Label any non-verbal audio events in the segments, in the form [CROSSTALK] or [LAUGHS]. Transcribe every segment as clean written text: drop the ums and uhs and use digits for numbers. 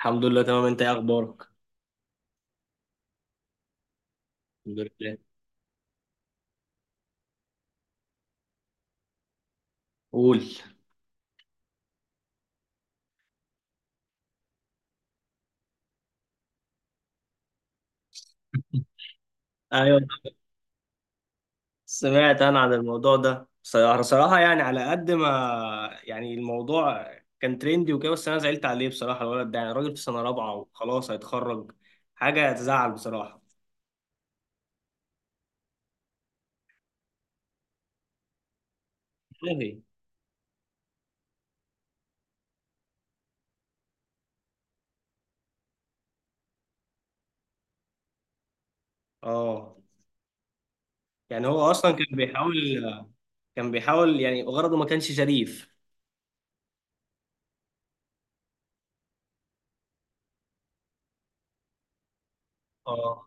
الحمد لله تمام، انت ايه اخبارك؟ الحمد لله. قول. ايوه. سمعت انا عن الموضوع ده، صراحة صراحة يعني على قد ما، يعني الموضوع كان ترندي وكده بس انا زعلت عليه بصراحة. الولد ده يعني راجل في سنة رابعة وخلاص هيتخرج. حاجة تزعل بصراحة. والله. اه، يعني هو اصلا كان بيحاول يعني غرضه ما كانش شريف. اه.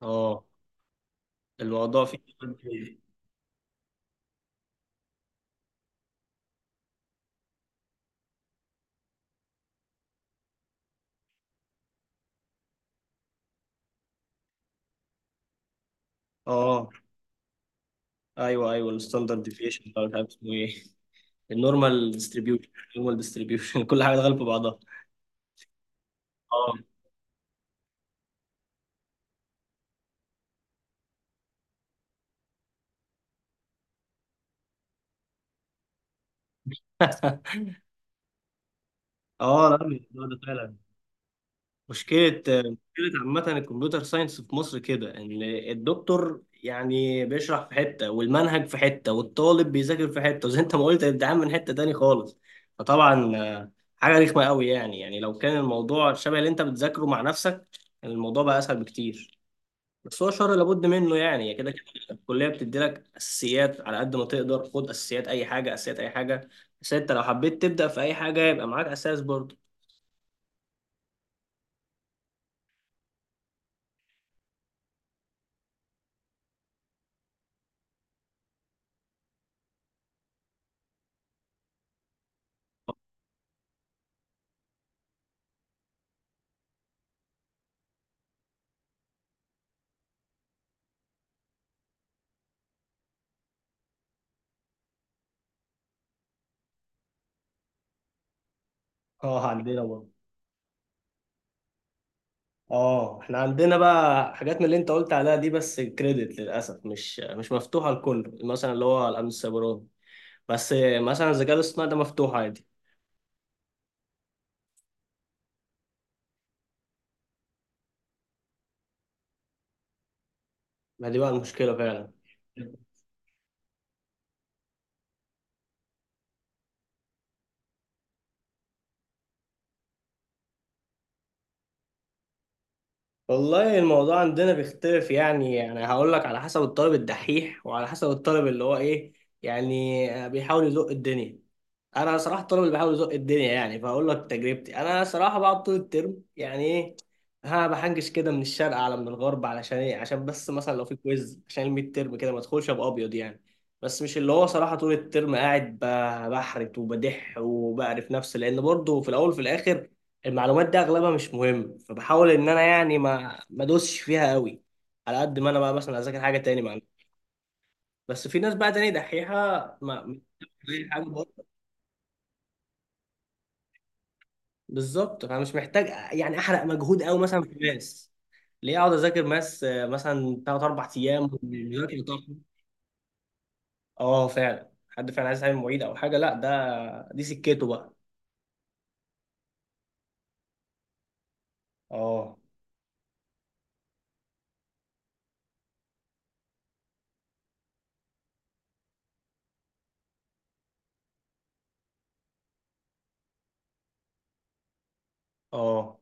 اه، الموضوع فيه. اه. ايوه، ايوه، الستاندرد ديفيشن ده مش عارف اسمه ايه. النورمال ديستريبيوشن. النورمال ديستريبيوشن [LAUGHS] كل حاجه دخلت في بعضها. اه. [LAUGHS] اه لا الموضوع ده فعلا مشكله. مشكله عامه الكمبيوتر ساينس في مصر كده، ان الدكتور يعني بيشرح في حته والمنهج في حته والطالب بيذاكر في حته، وزي انت ما قلت الامتحان من حته تاني خالص. فطبعا حاجه رخمه قوي. يعني لو كان الموضوع شبه اللي انت بتذاكره مع نفسك كان الموضوع بقى اسهل بكتير. بس هو شر لابد منه يعني كده كده. الكليه بتدي لك اساسيات، على قد ما تقدر خد اساسيات اي حاجه، اساسيات اي حاجه. بس انت لو حبيت تبدا في اي حاجه يبقى معاك اساس برضه. اه عندنا برضه. اه، احنا عندنا بقى حاجات من اللي انت قلت عليها دي، بس كريدت للاسف مش مفتوحه لكل مثلا اللي هو الامن السيبراني. بس مثلا الذكاء الاصطناعي ده مفتوح عادي. ما دي بقى المشكله فعلا. والله الموضوع عندنا بيختلف. يعني هقول لك على حسب الطالب الدحيح وعلى حسب الطالب اللي هو ايه، يعني بيحاول يزق الدنيا. انا صراحه الطالب اللي بحاول ازق الدنيا، يعني فاقول لك تجربتي. انا صراحه بقعد طول الترم يعني ايه، ها بحنجش كده من الشرق على من الغرب. علشان ايه؟ عشان بس مثلا لو في كويز عشان الميد ترم كده ما ادخلش ابقى ابيض يعني. بس مش اللي هو صراحه طول الترم قاعد بحرت وبدح وبعرف نفسي. لان برضه في الاول وفي الاخر المعلومات دي اغلبها مش مهم، فبحاول ان انا يعني ما ادوسش فيها قوي، على قد ما انا بقى مثلا اذاكر حاجه تاني معلومة. بس في ناس بقى تاني دحيحه. ما ما- حاجه برضه. بالظبط فانا مش محتاج يعني احرق مجهود قوي مثلا في ماس. ليه اقعد اذاكر ماس مثلا ثلاث اربع ايام والمذاكره بتاعته. اه فعلا، حد فعلا عايز يتعلم معيد او حاجه لا ده دي سكته بقى. اه. اه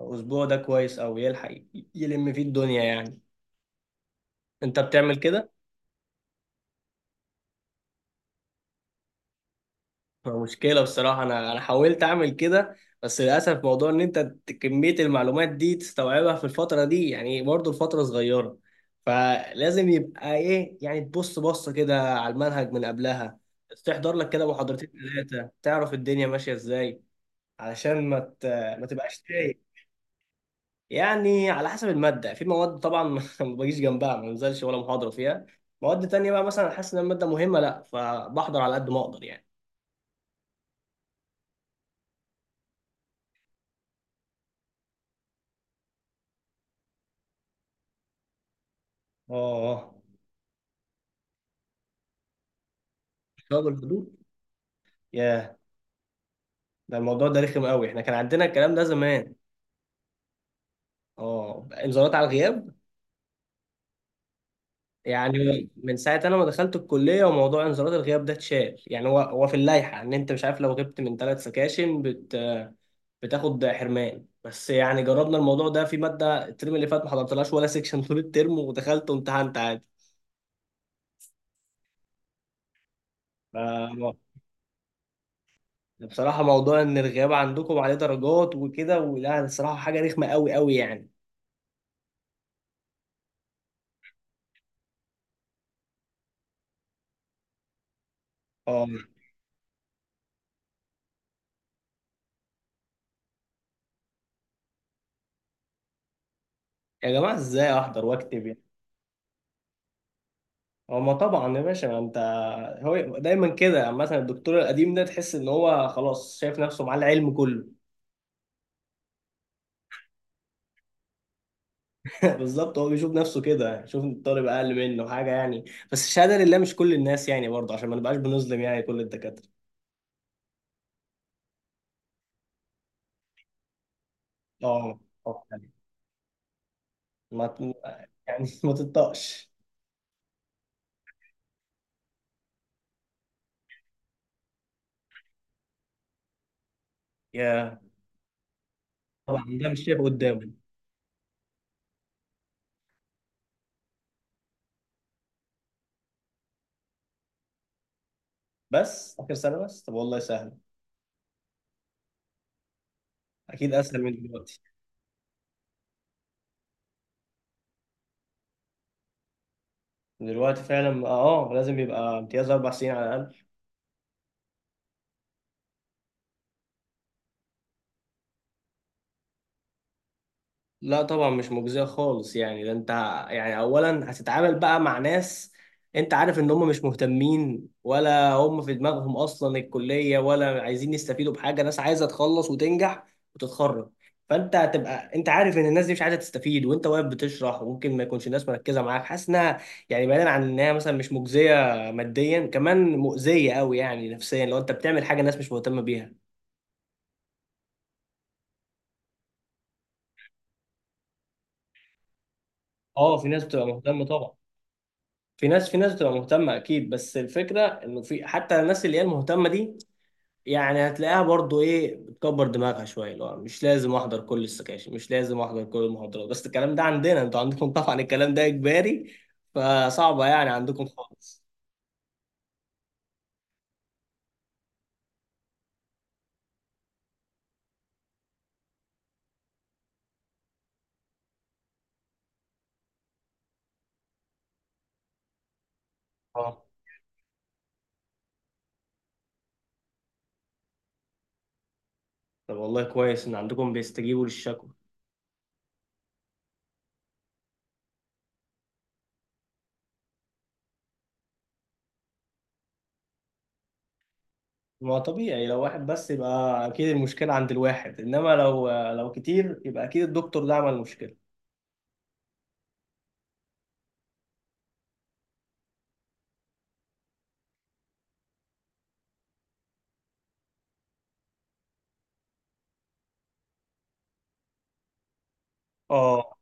الاسبوع ده كويس او يلحق يلم فيه الدنيا يعني؟ انت بتعمل كده؟ مشكلة بصراحة. أنا حاولت أعمل كده بس للأسف موضوع إن أنت كمية المعلومات دي تستوعبها في الفترة دي، يعني برضه الفترة صغيرة. فلازم يبقى إيه يعني، تبص بصة كده على المنهج من قبلها، تحضر لك كده محاضرتين ثلاثة تعرف الدنيا ماشية إزاي. علشان ما تبقاش تايه. يعني على حسب المادة. في مواد طبعا [LAUGHS] ما بجيش جنبها، ما بنزلش ولا محاضرة فيها. مواد تانية بقى مثلا حاسس إن المادة مهمة، لأ فبحضر على قد ما أقدر يعني. آه. شباب الفضول. ياه. ده الموضوع ده رخم قوي، احنا كان عندنا الكلام ده زمان. اه انذارات على الغياب. يعني من ساعة انا ما دخلت الكلية وموضوع انذارات الغياب ده اتشال. يعني هو في اللائحة ان انت مش عارف لو غبت من ثلاث سكاشن بتاخد حرمان. بس يعني جربنا الموضوع ده في مادة الترم اللي فات، ما حضرتلهاش ولا سكشن طول الترم، ودخلت وامتحنت عادي. ف... بصراحة موضوع ان الغياب عندكم عليه درجات وكده ولا، الصراحة حاجة رخمة قوي قوي يعني. اه. يا جماعة ازاي احضر واكتب يعني؟ هما طبعا يا باشا انت. هو دايما كده يعني، مثلا الدكتور القديم ده تحس ان هو خلاص شايف نفسه معاه العلم كله. [LAUGHS] بالظبط، هو بيشوف نفسه كده، يشوف ان الطالب اقل منه حاجه يعني. بس الشهاده لله مش كل الناس يعني، برضه عشان ما نبقاش بنظلم يعني كل الدكاتره. اه يعني ما ت- يعني [LAUGHS] ما تطقش. يا طبعا ده مش شايف قدامه. بس اخر سنه بس، طب والله سهل. اكيد اسهل من دلوقتي. دلوقتي فعلا، اه، لازم يبقى امتياز 4 سنين على الاقل. لا طبعا مش مجزية خالص يعني، ده انت يعني اولا هتتعامل بقى مع ناس انت عارف ان هم مش مهتمين ولا هم في دماغهم اصلا الكلية، ولا عايزين يستفيدوا بحاجة، ناس عايزة تخلص وتنجح وتتخرج. فانت هتبقى انت عارف ان الناس دي مش عايزة تستفيد، وانت واقف بتشرح، وممكن ما يكونش الناس مركزة معاك، حاسس انها يعني بعيدا عن انها مثلا مش مجزية ماديا، كمان مؤذية قوي يعني نفسيا لو انت بتعمل حاجة الناس مش مهتمة بيها. اه في ناس بتبقى مهتمة طبعا. في ناس بتبقى مهتمة أكيد، بس الفكرة إنه في حتى الناس اللي هي المهتمة دي، يعني هتلاقيها برضو إيه بتكبر دماغها شوية، اللي هو مش لازم أحضر كل السكاشن مش لازم أحضر كل المحاضرات، بس الكلام ده عندنا. أنتوا عندكم [LAUGHS] طبعا الكلام ده إجباري، فصعبة يعني عندكم خالص. أه. طب والله كويس إن عندكم بيستجيبوا للشكوى. ما طبيعي لو واحد بس يبقى أكيد المشكلة عند الواحد، إنما لو كتير يبقى أكيد الدكتور ده عمل مشكلة. أه.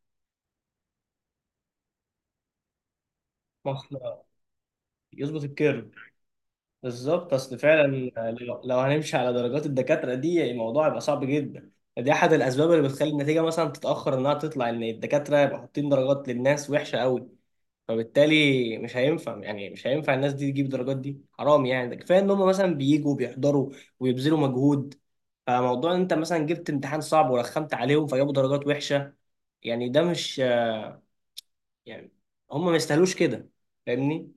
ما إحنا- يظبط الكيرف. بالظبط اصل فعلا، لو هنمشي على درجات الدكاتره دي يعني الموضوع يبقى صعب جدا. دي احد الاسباب اللي بتخلي النتيجه مثلا تتاخر، انها تطلع ان الدكاتره يبقوا حاطين درجات للناس وحشه قوي. فبالتالي مش هينفع، يعني مش هينفع الناس دي تجيب درجات دي حرام يعني. ده كفايه ان هم مثلا بييجوا بيحضروا ويبذلوا مجهود. فموضوع ان انت مثلا جبت امتحان صعب ورخمت عليهم فجابوا درجات وحشه يعني ده مش، يعني هم ما يستاهلوش كده فاهمني.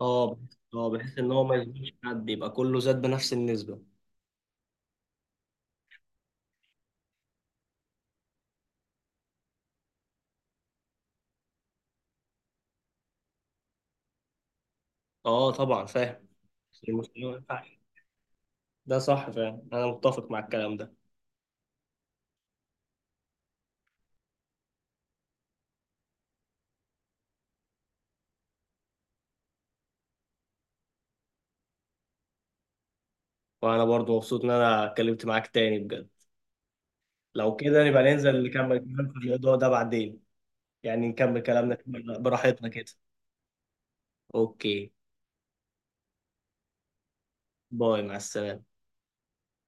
اه بحيث ان هو ما يظلمش حد يبقى كله زاد بنفس النسبة. اه طبعا فاهم. بس المستوى ما ينفعش. ده صح فاهم، انا متفق مع الكلام ده. وانا برضو مبسوط ان انا اتكلمت معاك تاني بجد. لو كده نبقى ننزل نكمل كلام في الموضوع ده بعدين. يعني نكمل كلامنا براحتنا كده. اوكي. باي مع السلامة.